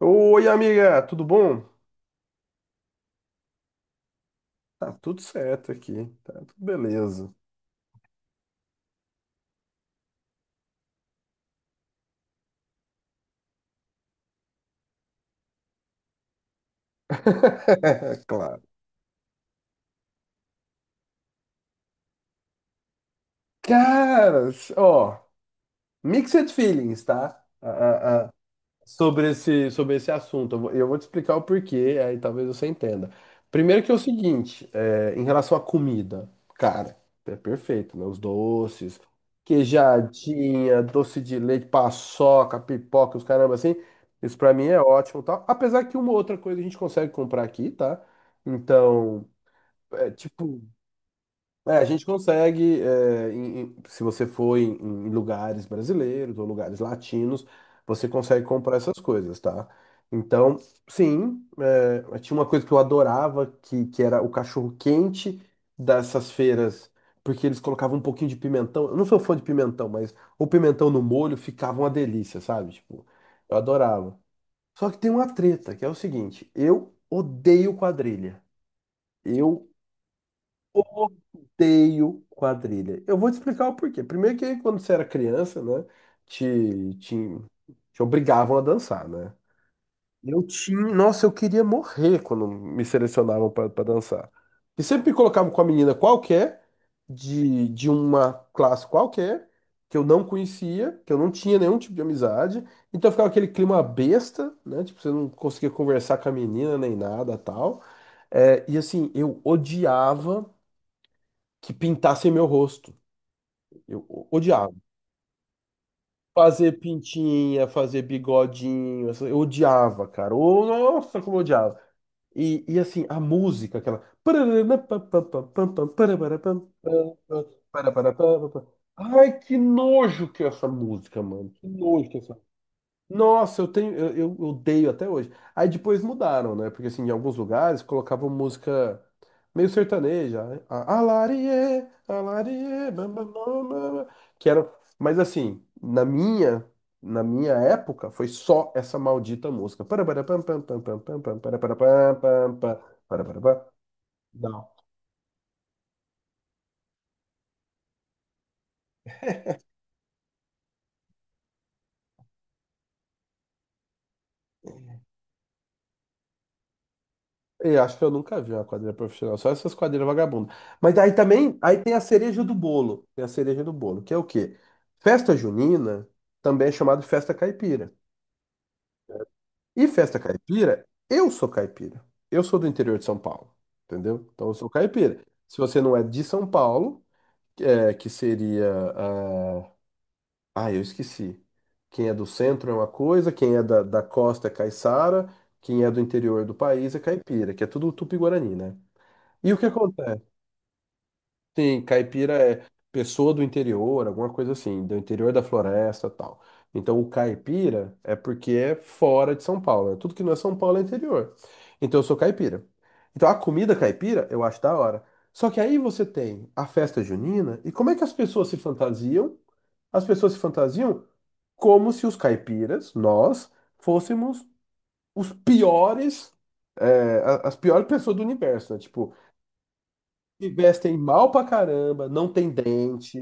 Oi, amiga, tudo bom? Tá tudo certo aqui, tá tudo beleza. Claro. Caras, ó, mixed feelings, tá? Sobre esse assunto. Eu vou te explicar o porquê, aí talvez você entenda. Primeiro que é o seguinte, em relação à comida, cara, é perfeito, né? Os doces, queijadinha, doce de leite, paçoca, pipoca, os caramba assim. Isso pra mim é ótimo, e tal. Apesar que uma outra coisa a gente consegue comprar aqui, tá? Então, é tipo, a gente consegue, se você for em lugares brasileiros ou lugares latinos, você consegue comprar essas coisas, tá? Então, sim, tinha uma coisa que eu adorava, que era o cachorro quente dessas feiras, porque eles colocavam um pouquinho de pimentão. Eu não sou fã de pimentão, mas o pimentão no molho ficava uma delícia, sabe? Tipo, eu adorava. Só que tem uma treta, que é o seguinte, eu odeio quadrilha. Eu odeio quadrilha. Eu vou te explicar o porquê. Primeiro que quando você era criança, né, te, te, te obrigavam a dançar, né? Eu tinha, nossa, eu queria morrer quando me selecionavam para dançar. E sempre me colocavam com a menina qualquer, de uma classe qualquer, que eu não conhecia, que eu não tinha nenhum tipo de amizade. Então ficava aquele clima besta, né? Tipo, você não conseguia conversar com a menina nem nada, tal. E assim, eu odiava que pintassem meu rosto. Eu odiava. Fazer pintinha, fazer bigodinho, eu odiava, cara. Ô, nossa, como eu odiava. E assim, a música, aquela. Ai, que nojo que é essa música, mano. Que nojo que é essa nossa, eu odeio até hoje. Aí depois mudaram, né? Porque assim, em alguns lugares colocavam música meio sertaneja, né? Alarie, alarie, bam, bam, bam, bam, bam. Que era, mas assim, na minha, época foi só essa maldita música. Para para pam pam pam pam pam pam para para pam pam pam para para pam. Eu acho que eu nunca vi uma quadrilha profissional, só essas quadrilhas vagabundas. Mas aí também, aí tem a cereja do bolo, tem a cereja do bolo, que é o quê? Festa junina também é chamada de festa caipira. E festa caipira. Eu sou do interior de São Paulo, entendeu? Então eu sou caipira. Se você não é de São Paulo, que seria, ah, eu esqueci. Quem é do centro é uma coisa, quem é da costa é caiçara, quem é do interior do país é caipira, que é tudo tupi-guarani, né? E o que acontece? Sim, caipira é pessoa do interior, alguma coisa assim, do interior da floresta, tal. Então o caipira é porque é fora de São Paulo, né? Tudo que não é São Paulo é interior. Então eu sou caipira. Então a comida caipira eu acho da hora. Só que aí você tem a festa junina, e como é que as pessoas se fantasiam? As pessoas se fantasiam como se os caipiras, nós, fôssemos os piores, as piores pessoas do universo, né? Tipo, se vestem mal pra caramba, não tem dente,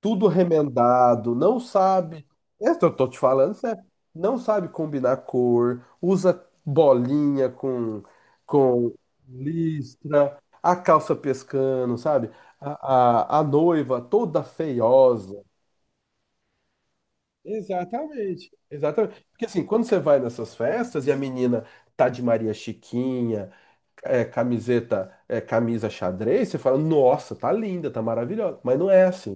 tudo remendado, não sabe. Eu tô te falando sério. Não sabe combinar cor, usa bolinha com listra, a calça pescando, sabe? A noiva toda feiosa. Exatamente, exatamente. Porque assim, quando você vai nessas festas e a menina tá de Maria Chiquinha, camiseta, camisa xadrez, você fala, nossa, tá linda, tá maravilhosa. Mas não é assim.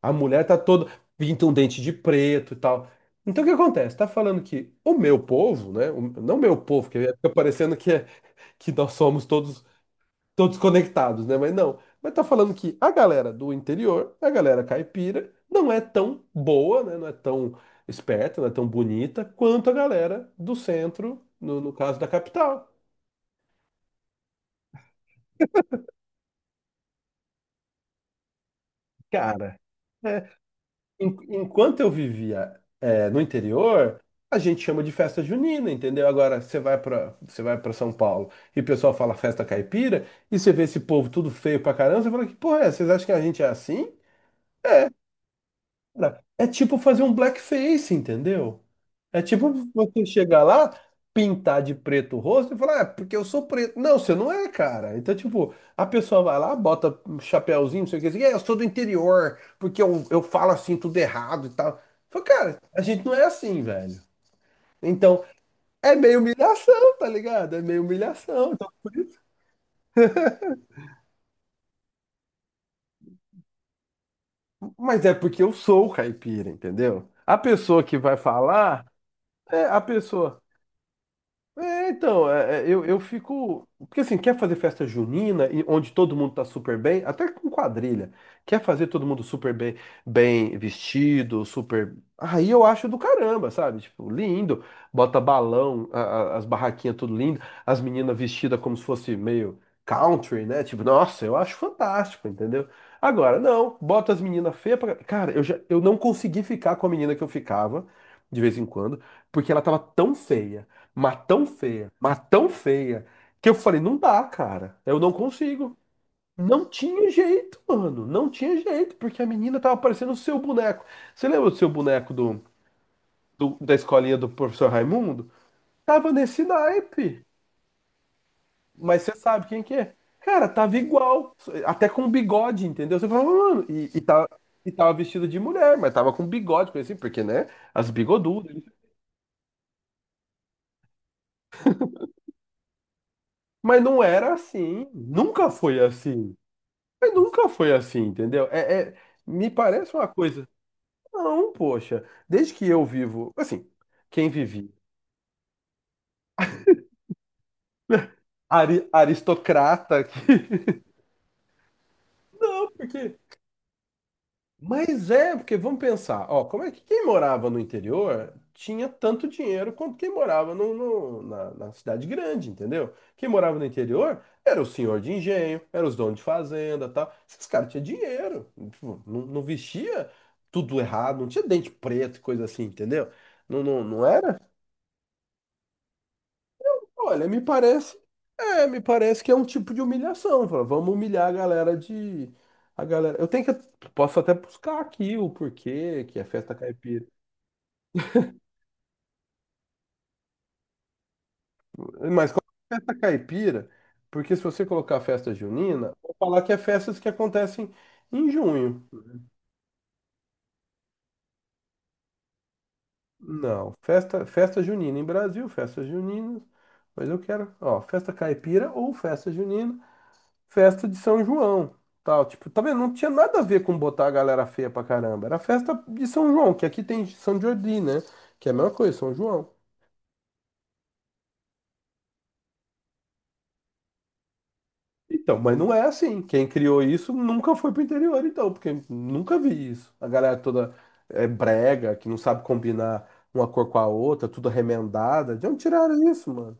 A mulher tá toda, pinta um dente de preto e tal. Então o que acontece? Tá falando que o meu povo, né? Não meu povo, que fica parecendo que, que nós somos todos conectados, né? Mas não. Mas tá falando que a galera do interior, a galera caipira, não é tão boa, né? Não é tão esperta, não é tão bonita quanto a galera do centro, no caso da capital. Cara. É, Enquanto eu vivia, no interior, a gente chama de festa junina, entendeu? Agora você vai para São Paulo e o pessoal fala festa caipira e você vê esse povo tudo feio pra caramba, você fala que porra é? Vocês acham que a gente é assim? Cara, é tipo fazer um blackface, entendeu? É tipo você chegar lá, pintar de preto o rosto e falar, ah, porque eu sou preto. Não, você não é, cara. Então, tipo, a pessoa vai lá, bota um chapéuzinho, não sei o que, assim, eu sou do interior, porque eu falo assim tudo errado e tal. Fala, cara, a gente não é assim, velho. Então, é meio humilhação, tá ligado? É meio humilhação. Então, mas é porque eu sou o caipira, entendeu? A pessoa que vai falar, é a pessoa. Então, eu fico. Porque assim, quer fazer festa junina, e onde todo mundo tá super bem, até com quadrilha. Quer fazer todo mundo super bem, bem vestido, super. Aí eu acho do caramba, sabe? Tipo, lindo. Bota balão, as barraquinhas tudo lindo, as meninas vestidas como se fosse meio country, né? Tipo, nossa, eu acho fantástico, entendeu? Agora, não, bota as meninas feias pra. Cara, já, eu não consegui ficar com a menina que eu ficava de vez em quando, porque ela tava tão feia. Mas tão feia, mas tão feia, que eu falei, não dá, cara. Eu não consigo. Não tinha jeito, mano. Não tinha jeito, porque a menina tava parecendo o seu boneco. Você lembra do seu boneco do, da escolinha do professor Raimundo? Tava nesse naipe. Mas você sabe quem que é? Cara, tava igual. Até com bigode, entendeu? Você falava, mano, e tava vestido de mulher, mas tava com bigode, coisa assim, porque, né? As bigodudas. Mas não era assim. Nunca foi assim. Mas nunca foi assim, entendeu? Me parece uma coisa. Não, poxa. Desde que eu vivo, assim, quem vivia? Aristocrata que. Não, porque Mas é, porque vamos pensar, ó, como é que quem morava no interior tinha tanto dinheiro quanto quem morava na cidade grande, entendeu? Quem morava no interior era o senhor de engenho, era os donos de fazenda, tal. Esses caras tinham dinheiro, tipo, não, não vestia tudo errado, não tinha dente preto, e coisa assim, entendeu? Não, não, não era. Olha, me parece que é um tipo de humilhação. Fala, vamos humilhar a galera. Posso até buscar aqui o porquê que é festa caipira. Mas qual é a festa caipira? Porque se você colocar festa junina, vou falar que é festas que acontecem em junho. Não, festa junina em Brasil, festa junina. Mas eu quero, ó, festa caipira ou festa junina. Festa de São João, tal, tipo, tá vendo? Não tinha nada a ver com botar a galera feia pra caramba. Era festa de São João, que aqui tem São Jordi, né? Que é a mesma coisa, São João. Então, mas não é assim. Quem criou isso nunca foi pro interior, então, porque nunca vi isso. A galera toda é brega, que não sabe combinar uma cor com a outra, tudo remendada. De onde tiraram isso, mano?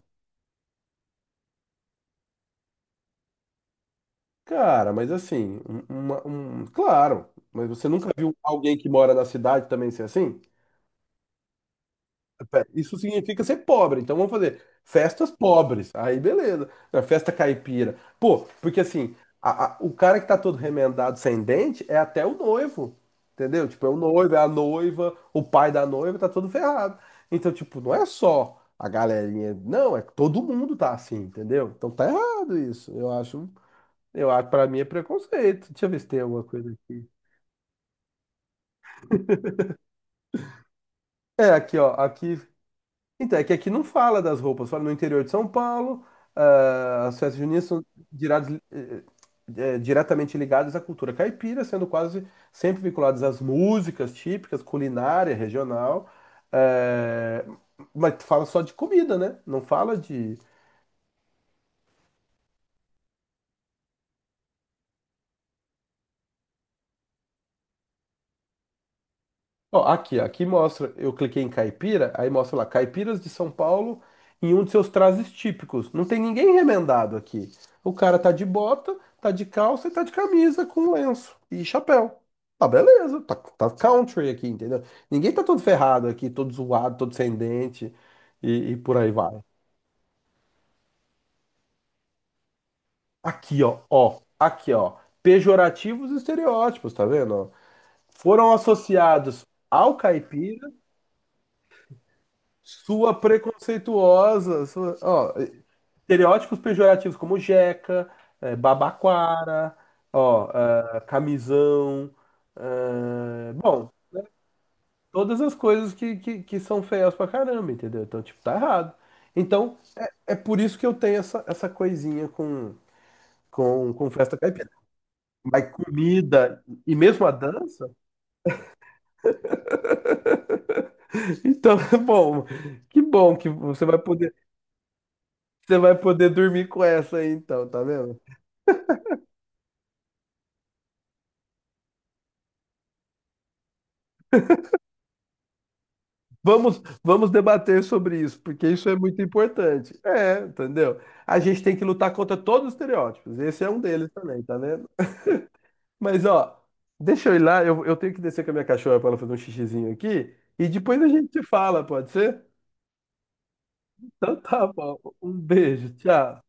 Cara, mas assim, claro, mas você nunca viu alguém que mora na cidade também ser assim? Isso significa ser pobre. Então vamos fazer festas pobres. Aí beleza. Festa caipira. Pô, porque assim, o cara que tá todo remendado sem dente é até o noivo. Entendeu? Tipo, é o noivo, é a noiva, o pai da noiva tá todo ferrado. Então, tipo, não é só a galerinha. Não, é que todo mundo tá assim, entendeu? Então tá errado isso. Eu acho, pra mim é preconceito. Deixa eu ver se tem alguma coisa aqui. É, aqui, ó. Aqui. Então, é que aqui não fala das roupas, fala no interior de São Paulo, ah, as festas juninas são dirados- eh, diretamente ligadas à cultura caipira, sendo quase sempre vinculadas às músicas típicas, culinária regional, eh, mas fala só de comida, né? Não fala de. Ó, aqui mostra, eu cliquei em caipira, aí mostra lá, caipiras de São Paulo em um de seus trajes típicos. Não tem ninguém remendado aqui. O cara tá de bota, tá de calça e tá de camisa com lenço e chapéu. Tá beleza, tá country aqui, entendeu? Ninguém tá todo ferrado aqui, todo zoado, todo sem dente e por aí vai. Aqui, ó, ó, aqui, ó, pejorativos e estereótipos, tá vendo? Ó? Foram associados ao caipira. Sua preconceituosa. Sua, ó, estereótipos pejorativos como jeca, babaquara, ó, ah, camisão. Ah, bom, todas as coisas que são feias pra caramba, entendeu? Então, tipo, tá errado. Então, é por isso que eu tenho essa, coisinha com festa caipira. Mas comida e mesmo a dança. Então, bom, bom que você vai poder dormir com essa aí, então, tá vendo? Vamos debater sobre isso, porque isso é muito importante. É, entendeu? A gente tem que lutar contra todos os estereótipos. Esse é um deles também, tá vendo? Mas, ó, deixa eu ir lá, eu tenho que descer com a minha cachorra para ela fazer um xixizinho aqui, e depois a gente se fala, pode ser? Então tá bom. Um beijo, tchau.